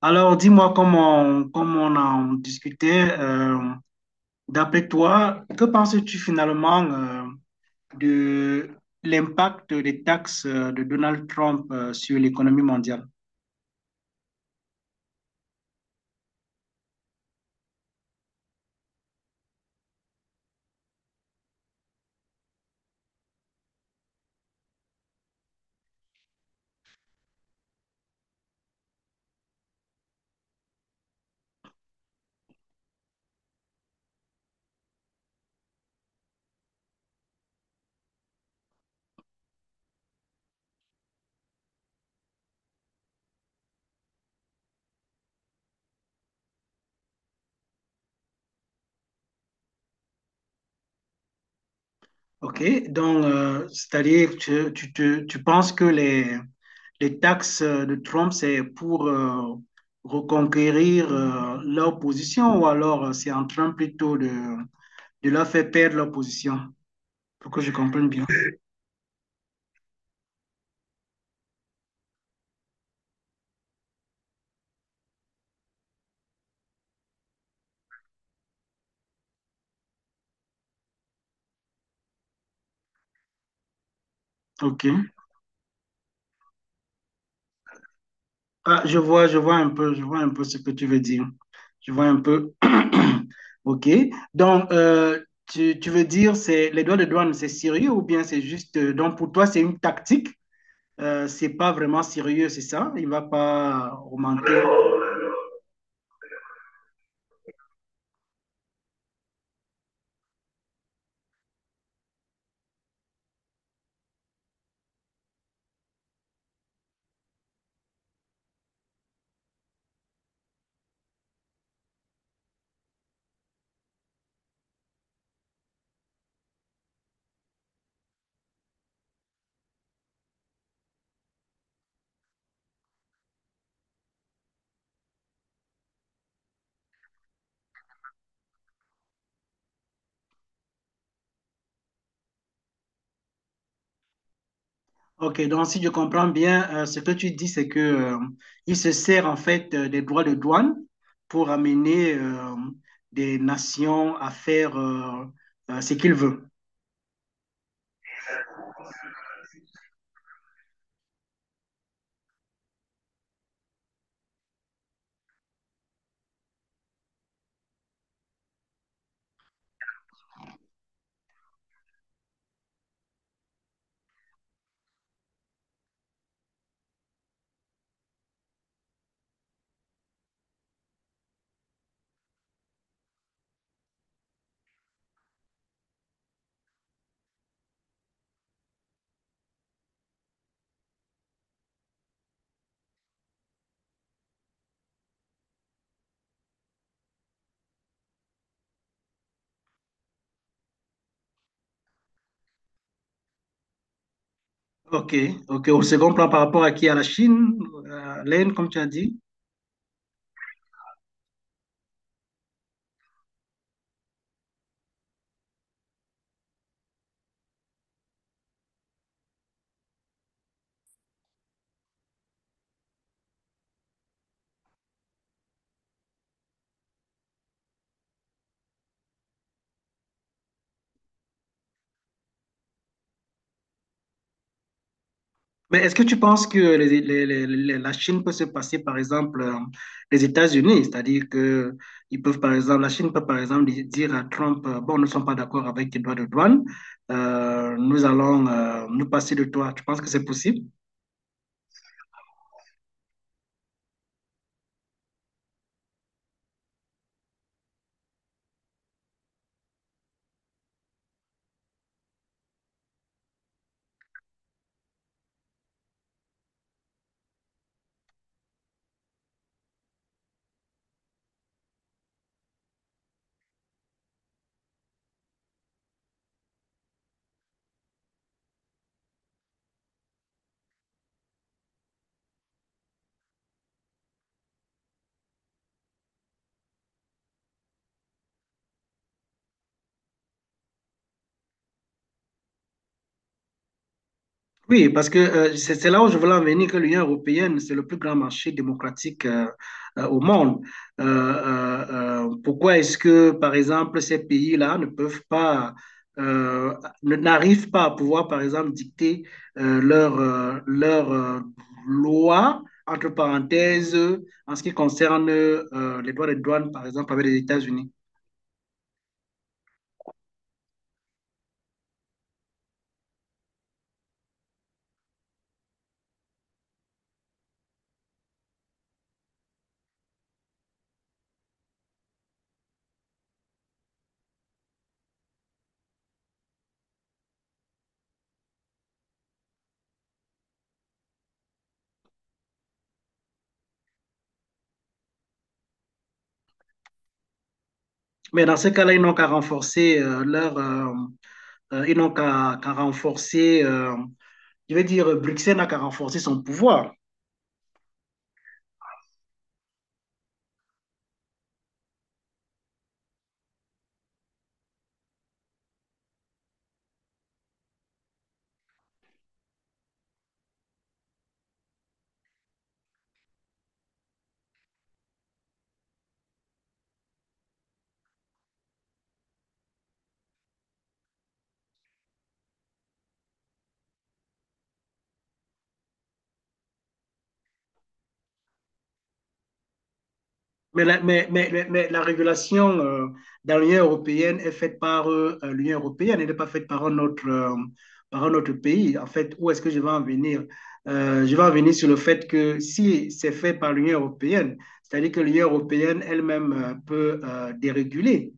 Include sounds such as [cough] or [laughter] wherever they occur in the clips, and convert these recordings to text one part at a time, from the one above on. Alors, dis-moi comment comme on en discutait, d'après toi, que penses-tu finalement de l'impact des taxes de Donald Trump sur l'économie mondiale? OK, donc, c'est-à-dire que tu penses que les taxes de Trump, c'est pour reconquérir leur position ou alors c'est en train plutôt de leur faire perdre leur position, pour que je comprenne bien. OK. Ah, je vois, je vois un peu ce que tu veux dire. Je vois un peu. [clears throat] OK. Donc, tu veux dire, c'est les droits de douane, c'est sérieux ou bien c'est juste. Donc, pour toi, c'est une tactique. C'est pas vraiment sérieux, c'est ça? Il va pas augmenter. OK. Donc, si je comprends bien, ce que tu dis, c'est que il se sert en fait des droits de douane pour amener des nations à faire ce qu'il veut. Ok, ok. Au second plan par rapport à qui? À la Chine, à l'Inde, comme tu as dit. Mais est-ce que tu penses que la Chine peut se passer, par exemple, les États-Unis? C'est-à-dire que ils peuvent, par exemple, la Chine peut, par exemple, dire à Trump, bon, nous ne sommes pas d'accord avec tes droits de douane, nous allons nous passer de toi. Tu penses que c'est possible? Oui, parce que c'est là où je voulais en venir que l'Union européenne, c'est le plus grand marché démocratique au monde. Pourquoi est-ce que, par exemple, ces pays-là ne peuvent pas, euh, n'arrivent pas à pouvoir, par exemple, dicter leur, leur loi, entre parenthèses, en ce qui concerne les droits de douane, par exemple, avec les États-Unis? Mais dans ce cas-là, ils n'ont qu'à renforcer ils n'ont qu'à renforcer. Je veux dire, Bruxelles n'a qu'à renforcer son pouvoir. Mais la régulation dans l'Union européenne est faite par l'Union européenne, elle n'est pas faite par un autre pays. En fait, où est-ce que je vais en venir? Je vais en venir sur le fait que si c'est fait par l'Union européenne, c'est-à-dire que l'Union européenne elle-même peut déréguler.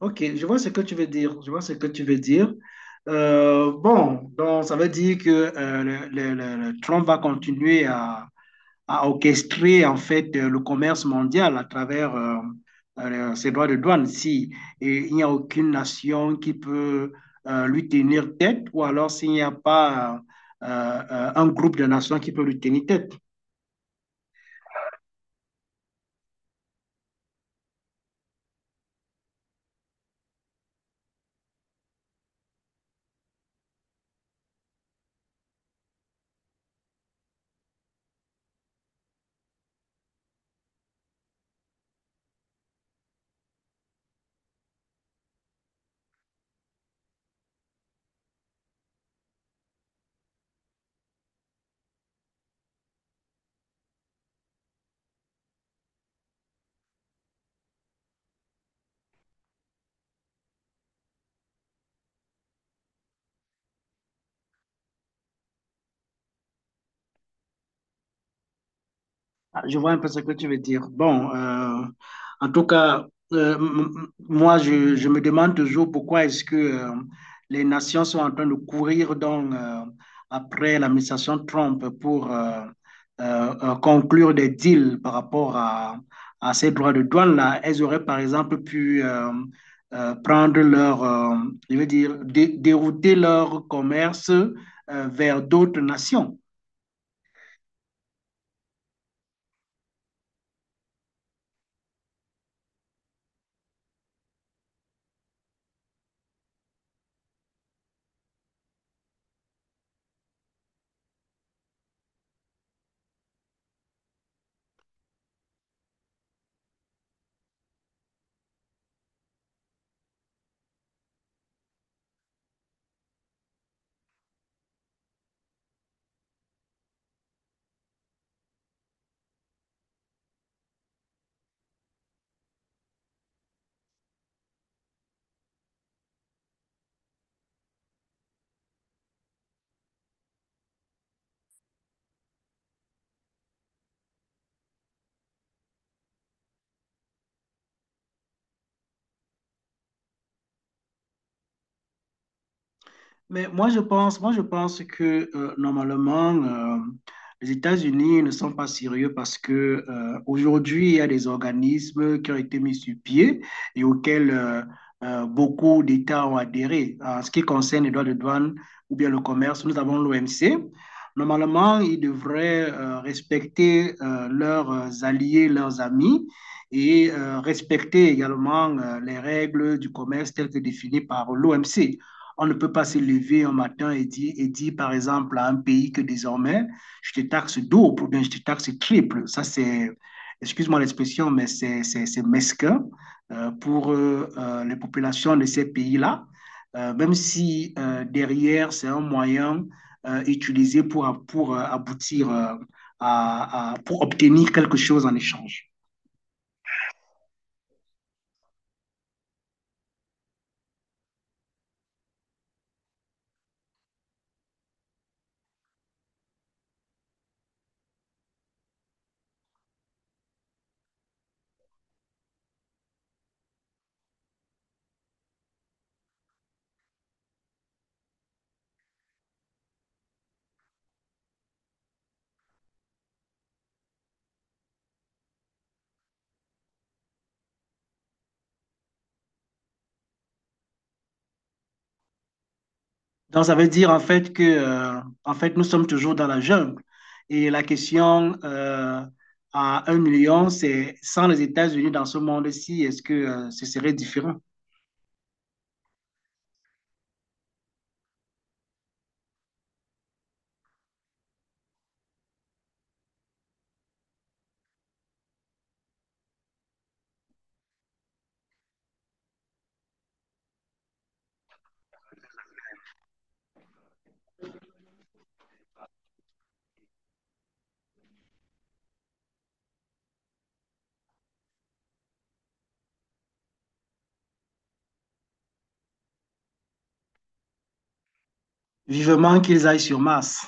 Ok, je vois ce que tu veux dire. Je vois ce que tu veux dire. Bon, donc ça veut dire que euh, le Trump va continuer à, a orchestré en fait le commerce mondial à travers ses droits de douane. Si et il n'y a aucune nation qui peut lui tenir tête, ou alors s'il n'y a pas un groupe de nations qui peut lui tenir tête. Ah, je vois un peu ce que tu veux dire. Bon, en tout cas, euh, m- moi, je me demande toujours pourquoi est-ce que les nations sont en train de courir donc, après l'administration Trump pour conclure des deals par rapport à ces droits de douane-là. Elles auraient, par exemple, pu prendre je veux dire, dérouter leur commerce vers d'autres nations. Moi, je pense que normalement, les États-Unis ne sont pas sérieux parce que aujourd'hui, il y a des organismes qui ont été mis sur pied et auxquels beaucoup d'États ont adhéré. En ce qui concerne les droits de douane ou bien le commerce, nous avons l'OMC. Normalement, ils devraient respecter leurs alliés, leurs amis et respecter également les règles du commerce telles que définies par l'OMC. On ne peut pas se lever un matin et dire, par exemple, à un pays que désormais, je te taxe double ou bien je te taxe triple. Excuse-moi l'expression, mais c'est mesquin pour les populations de ces pays-là, même si derrière, c'est un moyen utilisé pour, aboutir à, pour obtenir quelque chose en échange. Donc, ça veut dire en fait que, en fait, nous sommes toujours dans la jungle. Et la question à un million, c'est sans les États-Unis dans ce monde-ci, est-ce que ce serait différent? Vivement qu'ils aillent sur Mars.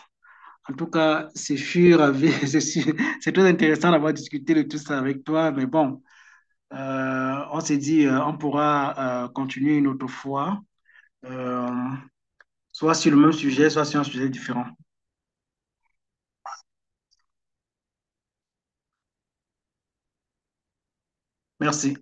En tout cas, c'est sûr, [laughs] c'est sûr- c'est très intéressant d'avoir discuté de tout ça avec toi, mais bon, on s'est dit, on pourra continuer une autre fois, euh, soit sur le même sujet, soit sur un sujet différent. Merci.